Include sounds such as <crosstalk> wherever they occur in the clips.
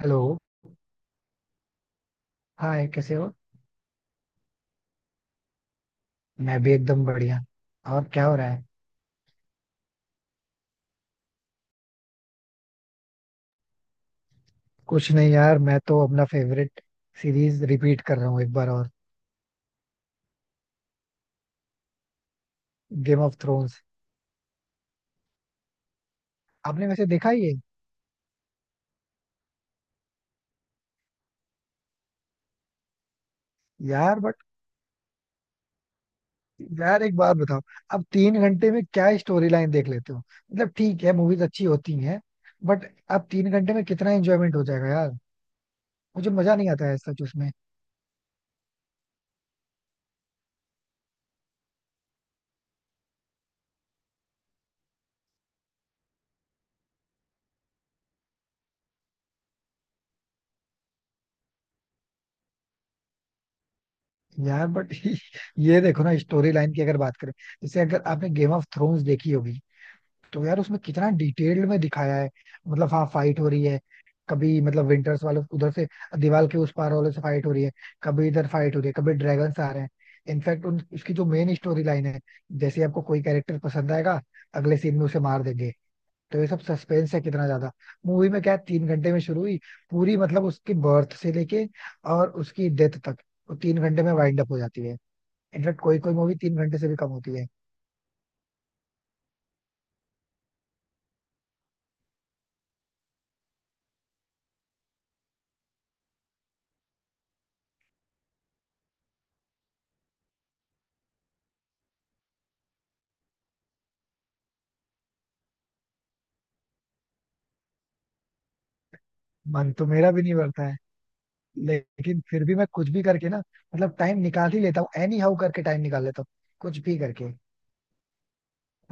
Hello. Hi, कैसे हो? मैं भी एकदम बढ़िया। और क्या हो रहा है? कुछ नहीं यार, मैं तो अपना फेवरेट सीरीज रिपीट कर रहा हूँ एक बार और। Game of Thrones. आपने वैसे देखा ही है। यार बट, यार एक बात बताओ। अब 3 घंटे में क्या स्टोरी लाइन देख लेते हो? मतलब ठीक है, मूवीज अच्छी होती हैं। बट अब 3 घंटे में कितना एंजॉयमेंट हो जाएगा यार? मुझे मजा नहीं आता है सच उसमें। यार बट, <laughs> ये देखो ना, स्टोरी लाइन की अगर बात करें। जैसे अगर आपने गेम ऑफ थ्रोन्स देखी होगी तो यार, उसमें कितना डिटेल्ड में दिखाया है। मतलब हाँ, फाइट हो रही है। कभी मतलब विंटर्स वाले उधर से, दीवार के उस पार वाले से फाइट हो रही है। कभी इधर फाइट हो रही है, कभी ड्रैगन आ रहे हैं। इनफैक्ट उन उसकी जो मेन स्टोरी लाइन है। जैसे आपको कोई कैरेक्टर पसंद आएगा, अगले सीन में उसे मार देंगे। तो ये सब सस्पेंस है कितना ज्यादा। मूवी में क्या है, 3 घंटे में शुरू हुई पूरी, मतलब उसकी बर्थ से लेके और उसकी डेथ तक वो 3 घंटे में वाइंड अप हो जाती है। इनफैक्ट कोई कोई मूवी 3 घंटे से भी कम होती है। मन तो मेरा भी नहीं भरता है, लेकिन फिर भी मैं कुछ भी करके ना, मतलब टाइम निकाल ही लेता हूँ। एनी हाउ करके टाइम निकाल लेता हूँ कुछ भी करके।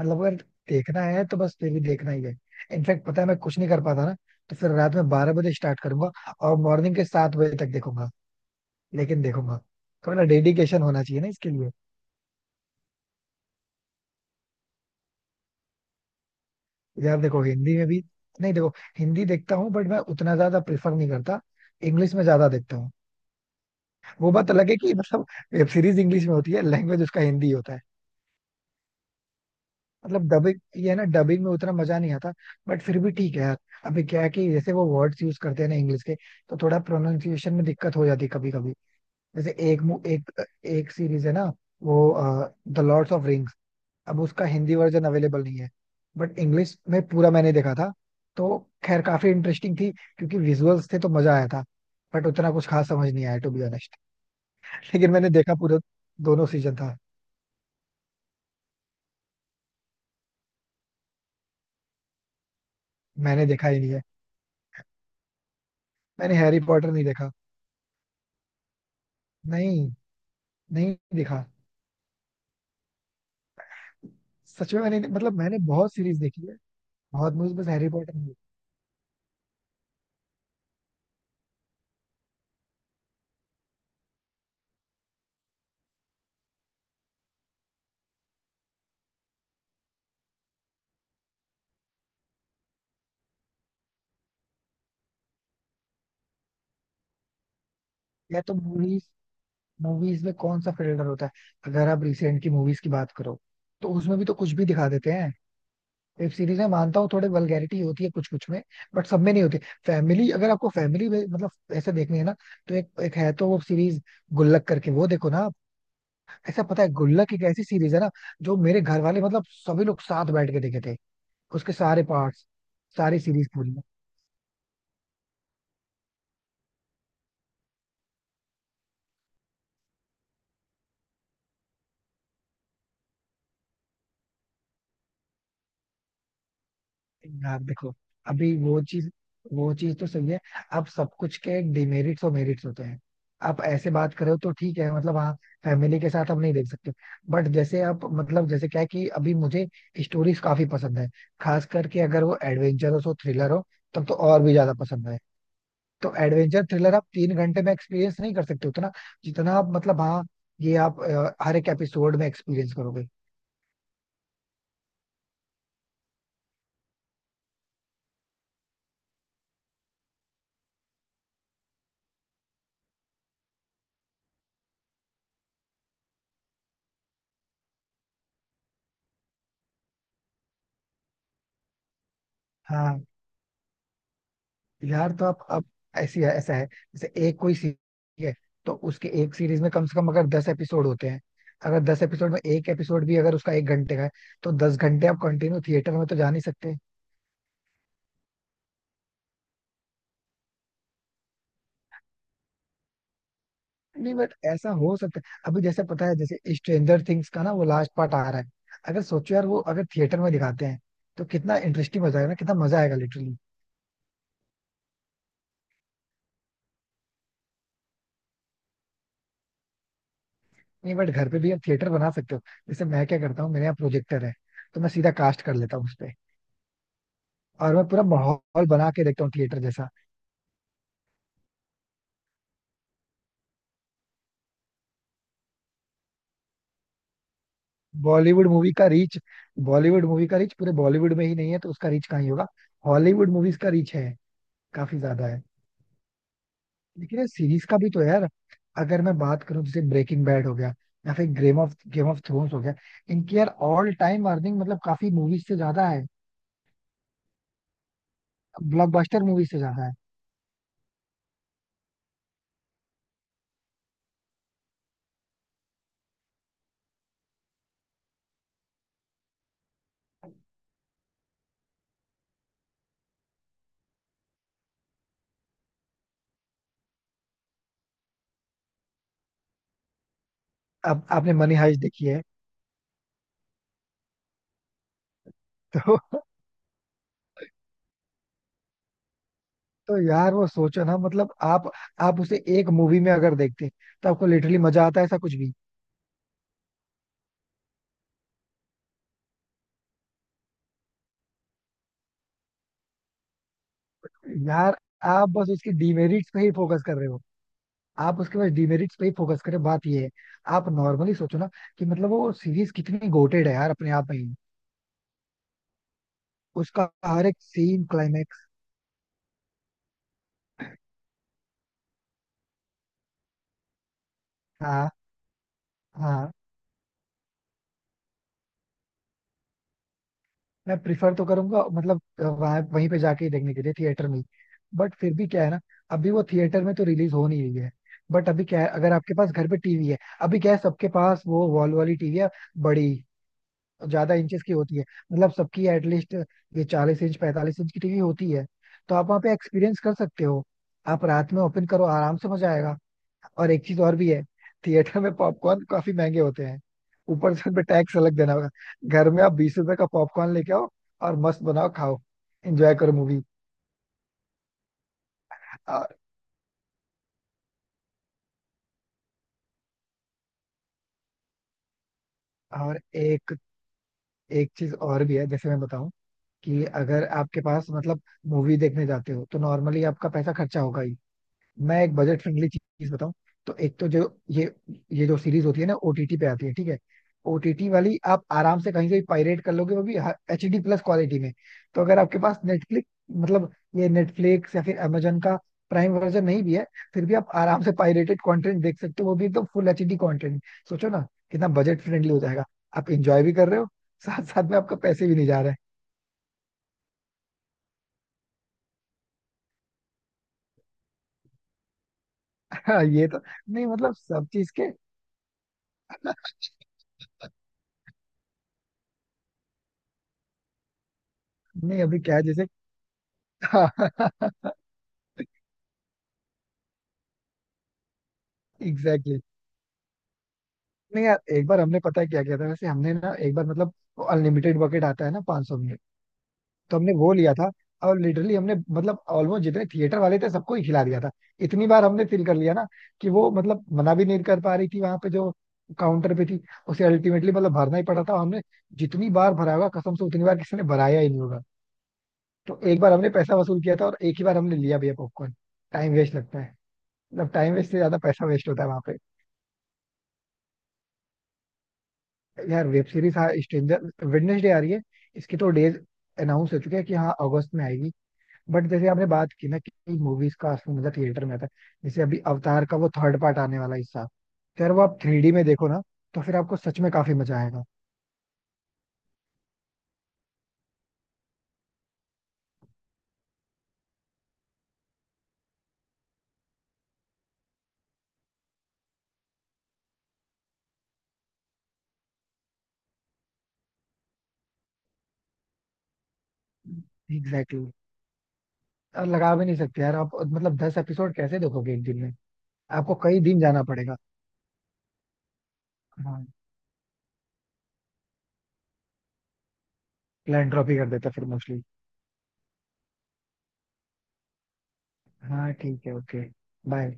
मतलब अगर देखना है तो बस फिर भी देखना ही है। इनफैक्ट पता है, मैं कुछ नहीं कर पाता ना, तो फिर रात में 12 बजे स्टार्ट करूंगा और मॉर्निंग के 7 बजे तक देखूंगा, लेकिन देखूंगा। थोड़ा डेडिकेशन होना चाहिए ना इसके लिए। यार देखो हिंदी में भी, नहीं देखो, हिंदी देखता हूँ बट मैं उतना ज्यादा प्रेफर नहीं करता, इंग्लिश में ज्यादा देखता हूँ। वो बात अलग है कि मतलब वेब सीरीज इंग्लिश में होती है, लैंग्वेज उसका हिंदी होता है। मतलब डबिंग, ये है ना, डबिंग में उतना मजा नहीं आता, बट फिर भी ठीक है यार। अभी क्या है कि जैसे वो वर्ड्स यूज करते हैं ना इंग्लिश के, तो थोड़ा प्रोनाउंसिएशन में दिक्कत हो जाती है कभी कभी। जैसे एक एक सीरीज है ना। वो द लॉर्ड्स ऑफ रिंग्स। अब उसका हिंदी वर्जन अवेलेबल नहीं है, बट इंग्लिश में पूरा मैंने देखा था। तो खैर काफी इंटरेस्टिंग थी, क्योंकि विजुअल्स थे तो मजा आया था। बट उतना कुछ खास समझ नहीं आया, टू बी ऑनेस्ट। लेकिन मैंने देखा पूरा, दोनों सीजन था। मैंने देखा ही नहीं है। मैंने हैरी पॉटर नहीं देखा। नहीं, नहीं देखा। सच में मैंने बहुत सीरीज देखी है। बहुत मूवीज, बस हैरी पॉटर नहीं देखी। या तो मूवीज मूवीज में कौन सा फिल्टर होता है? अगर आप रिसेंट की मूवीज की बात करो, तो उसमें भी तो कुछ भी दिखा देते हैं। वेब सीरीज में मानता हूँ थोड़े वल्गैरिटी होती है कुछ कुछ में, बट सब में नहीं होती। फैमिली, अगर आपको फैमिली में मतलब ऐसे देखनी है ना, तो एक एक है तो वो सीरीज गुल्लक करके वो देखो ना आप। ऐसा पता है, गुल्लक एक ऐसी सीरीज है ना, जो मेरे घर वाले मतलब सभी लोग साथ बैठ के देखे थे। उसके सारे पार्ट्स, सारी सीरीज पूरी। यार देखो, अभी वो चीज तो सही है। अब सब कुछ के डिमेरिट्स और मेरिट्स होते हैं। आप ऐसे बात करो तो ठीक है, मतलब हाँ, फैमिली के साथ हम नहीं देख सकते। बट जैसे आप, मतलब जैसे क्या है कि अभी मुझे स्टोरीज काफी पसंद है, खास करके अगर वो एडवेंचरस हो, थ्रिलर हो, तब तो और भी ज्यादा पसंद है। तो एडवेंचर थ्रिलर आप तीन घंटे में एक्सपीरियंस नहीं कर सकते उतना, जितना आप, मतलब हाँ, ये आप हर एक एपिसोड में एक्सपीरियंस करोगे। हाँ, यार तो आप अब, ऐसी है ऐसा है, जैसे एक कोई सीरीज है। तो उसके एक सीरीज में कम से कम अगर 10 एपिसोड होते हैं, अगर दस एपिसोड में एक एपिसोड भी अगर उसका एक घंटे का है, तो 10 घंटे आप कंटिन्यू थिएटर में तो जा नहीं सकते। नहीं बट ऐसा हो सकता है, अभी जैसे पता है, जैसे स्ट्रेंजर थिंग्स का ना वो लास्ट पार्ट आ रहा है। अगर सोचो यार, वो अगर थिएटर में दिखाते हैं तो कितना इंटरेस्टिंग हो जाएगा ना, कितना मजा आएगा लिटरली। नहीं बट घर पे भी आप थिएटर बना सकते हो। जैसे मैं क्या करता हूँ, मेरे यहाँ प्रोजेक्टर है, तो मैं सीधा कास्ट कर लेता हूँ उस पे। और मैं पूरा माहौल बना के देखता हूँ थिएटर जैसा। बॉलीवुड मूवी का रीच बॉलीवुड मूवी का रीच पूरे बॉलीवुड में ही नहीं है, तो उसका रीच कहाँ ही होगा। हॉलीवुड मूवीज का रीच है, काफी ज्यादा है। लेकिन ये सीरीज का भी तो है यार। अगर मैं बात करूं, जैसे ब्रेकिंग बैड हो गया, या फिर गेम ऑफ थ्रोन्स हो गया। इनकी यार ऑल टाइम अर्निंग मतलब काफी मूवीज से ज्यादा है, ब्लॉकबस्टर मूवी से ज्यादा है। अब आपने मनी हाइस्ट देखी है? तो तो यार वो सोचो ना, मतलब आप उसे एक मूवी में अगर देखते, तो आपको लिटरली मजा आता है ऐसा कुछ भी। यार आप बस उसकी डिमेरिट्स पे ही फोकस कर रहे हो, आप उसके बाद डिमेरिट्स पे ही फोकस करें, बात ये है। आप नॉर्मली सोचो ना कि मतलब वो सीरीज कितनी गोटेड है यार, अपने आप में ही। उसका हर एक सीन क्लाइमेक्स। हाँ, हाँ, मैं प्रिफर तो करूंगा, मतलब वहां वहीं पे जाके ही देखने के लिए थिएटर में। बट फिर भी क्या है ना, अभी वो थिएटर में तो रिलीज हो नहीं रही है। बट अभी क्या है, अगर आपके पास घर पे टीवी है, अभी क्या है, सबके पास वो वॉल वाली टीवी है, बड़ी, ज्यादा इंचेस की होती है, मतलब सबकी एटलीस्ट ये 40 इंच 45 इंच की टीवी होती है। तो आप वहाँ पे एक्सपीरियंस कर सकते हो, आप रात में ओपन करो, आराम से मजा आएगा। और एक चीज और भी है, थिएटर में पॉपकॉर्न काफी महंगे होते हैं, ऊपर से उनपे टैक्स अलग देना होगा। घर में आप 20 रुपए का पॉपकॉर्न लेके आओ, और मस्त बनाओ खाओ, एंजॉय करो मूवी। और और एक एक चीज और भी है, जैसे मैं बताऊं, कि अगर आपके पास मतलब मूवी देखने जाते हो तो नॉर्मली आपका पैसा खर्चा होगा ही। मैं एक बजट फ्रेंडली चीज बताऊं, तो एक तो जो, ये ये जो सीरीज होती है ना ओटीटी पे आती है, ठीक है। ओटीटी वाली आप आराम से कहीं से भी पायरेट कर लोगे, वो भी एचडी प्लस क्वालिटी में। तो अगर आपके पास नेटफ्लिक्स, मतलब ये नेटफ्लिक्स या फिर amazon का प्राइम वर्जन नहीं भी है, फिर भी आप आराम से पायरेटेड कंटेंट देख सकते हो, वो भी एकदम फुल एचडी कंटेंट। सोचो ना, कितना बजट फ्रेंडली हो जाएगा, आप इंजॉय भी कर रहे हो, साथ साथ में आपका पैसे भी नहीं जा रहे हैं। <laughs> हाँ, ये तो, नहीं मतलब सब चीज के, नहीं अभी क्या है, जैसे <laughs> एग्जैक्टली। नहीं यार, एक बार हमने पता है क्या किया था, वैसे हमने ना एक बार, मतलब अनलिमिटेड बकेट आता है ना 500 में, तो हमने वो लिया था। और लिटरली हमने, मतलब ऑलमोस्ट जितने थिएटर वाले थे सबको ही खिला दिया था। इतनी बार हमने फील कर लिया ना, कि वो मतलब मना भी नहीं कर पा रही थी वहां पे जो काउंटर पे थी। उसे अल्टीमेटली मतलब भरना ही पड़ा था, और हमने जितनी बार भरा होगा कसम से, उतनी बार किसी ने भराया ही नहीं होगा। तो एक बार हमने पैसा वसूल किया था, और एक ही बार हमने लिया भी है पॉपकॉर्न। टाइम वेस्ट लगता है, मतलब टाइम वेस्ट से ज्यादा पैसा वेस्ट होता है वहां। यार वेब सीरीज, हाँ, स्ट्रेंजर वेडनेसडे आ रही है। इसके तो डेज अनाउंस हो चुके हैं कि हाँ, अगस्त में आएगी। बट जैसे आपने बात की ना, कि मूवीज का असली मजा थिएटर में आता है। जैसे अभी अवतार का वो थर्ड पार्ट आने वाला है इस साल, तो यार वो आप 3D में देखो ना, तो फिर आपको सच में काफी मजा आएगा। Exactly, exactly. और लगा भी नहीं सकते यार आप, मतलब 10 एपिसोड कैसे देखोगे एक दिन में। आपको कई दिन जाना पड़ेगा। हाँ, प्लान ड्रॉप ही कर देता फिर मोस्टली। हाँ ठीक है, ओके, बाय।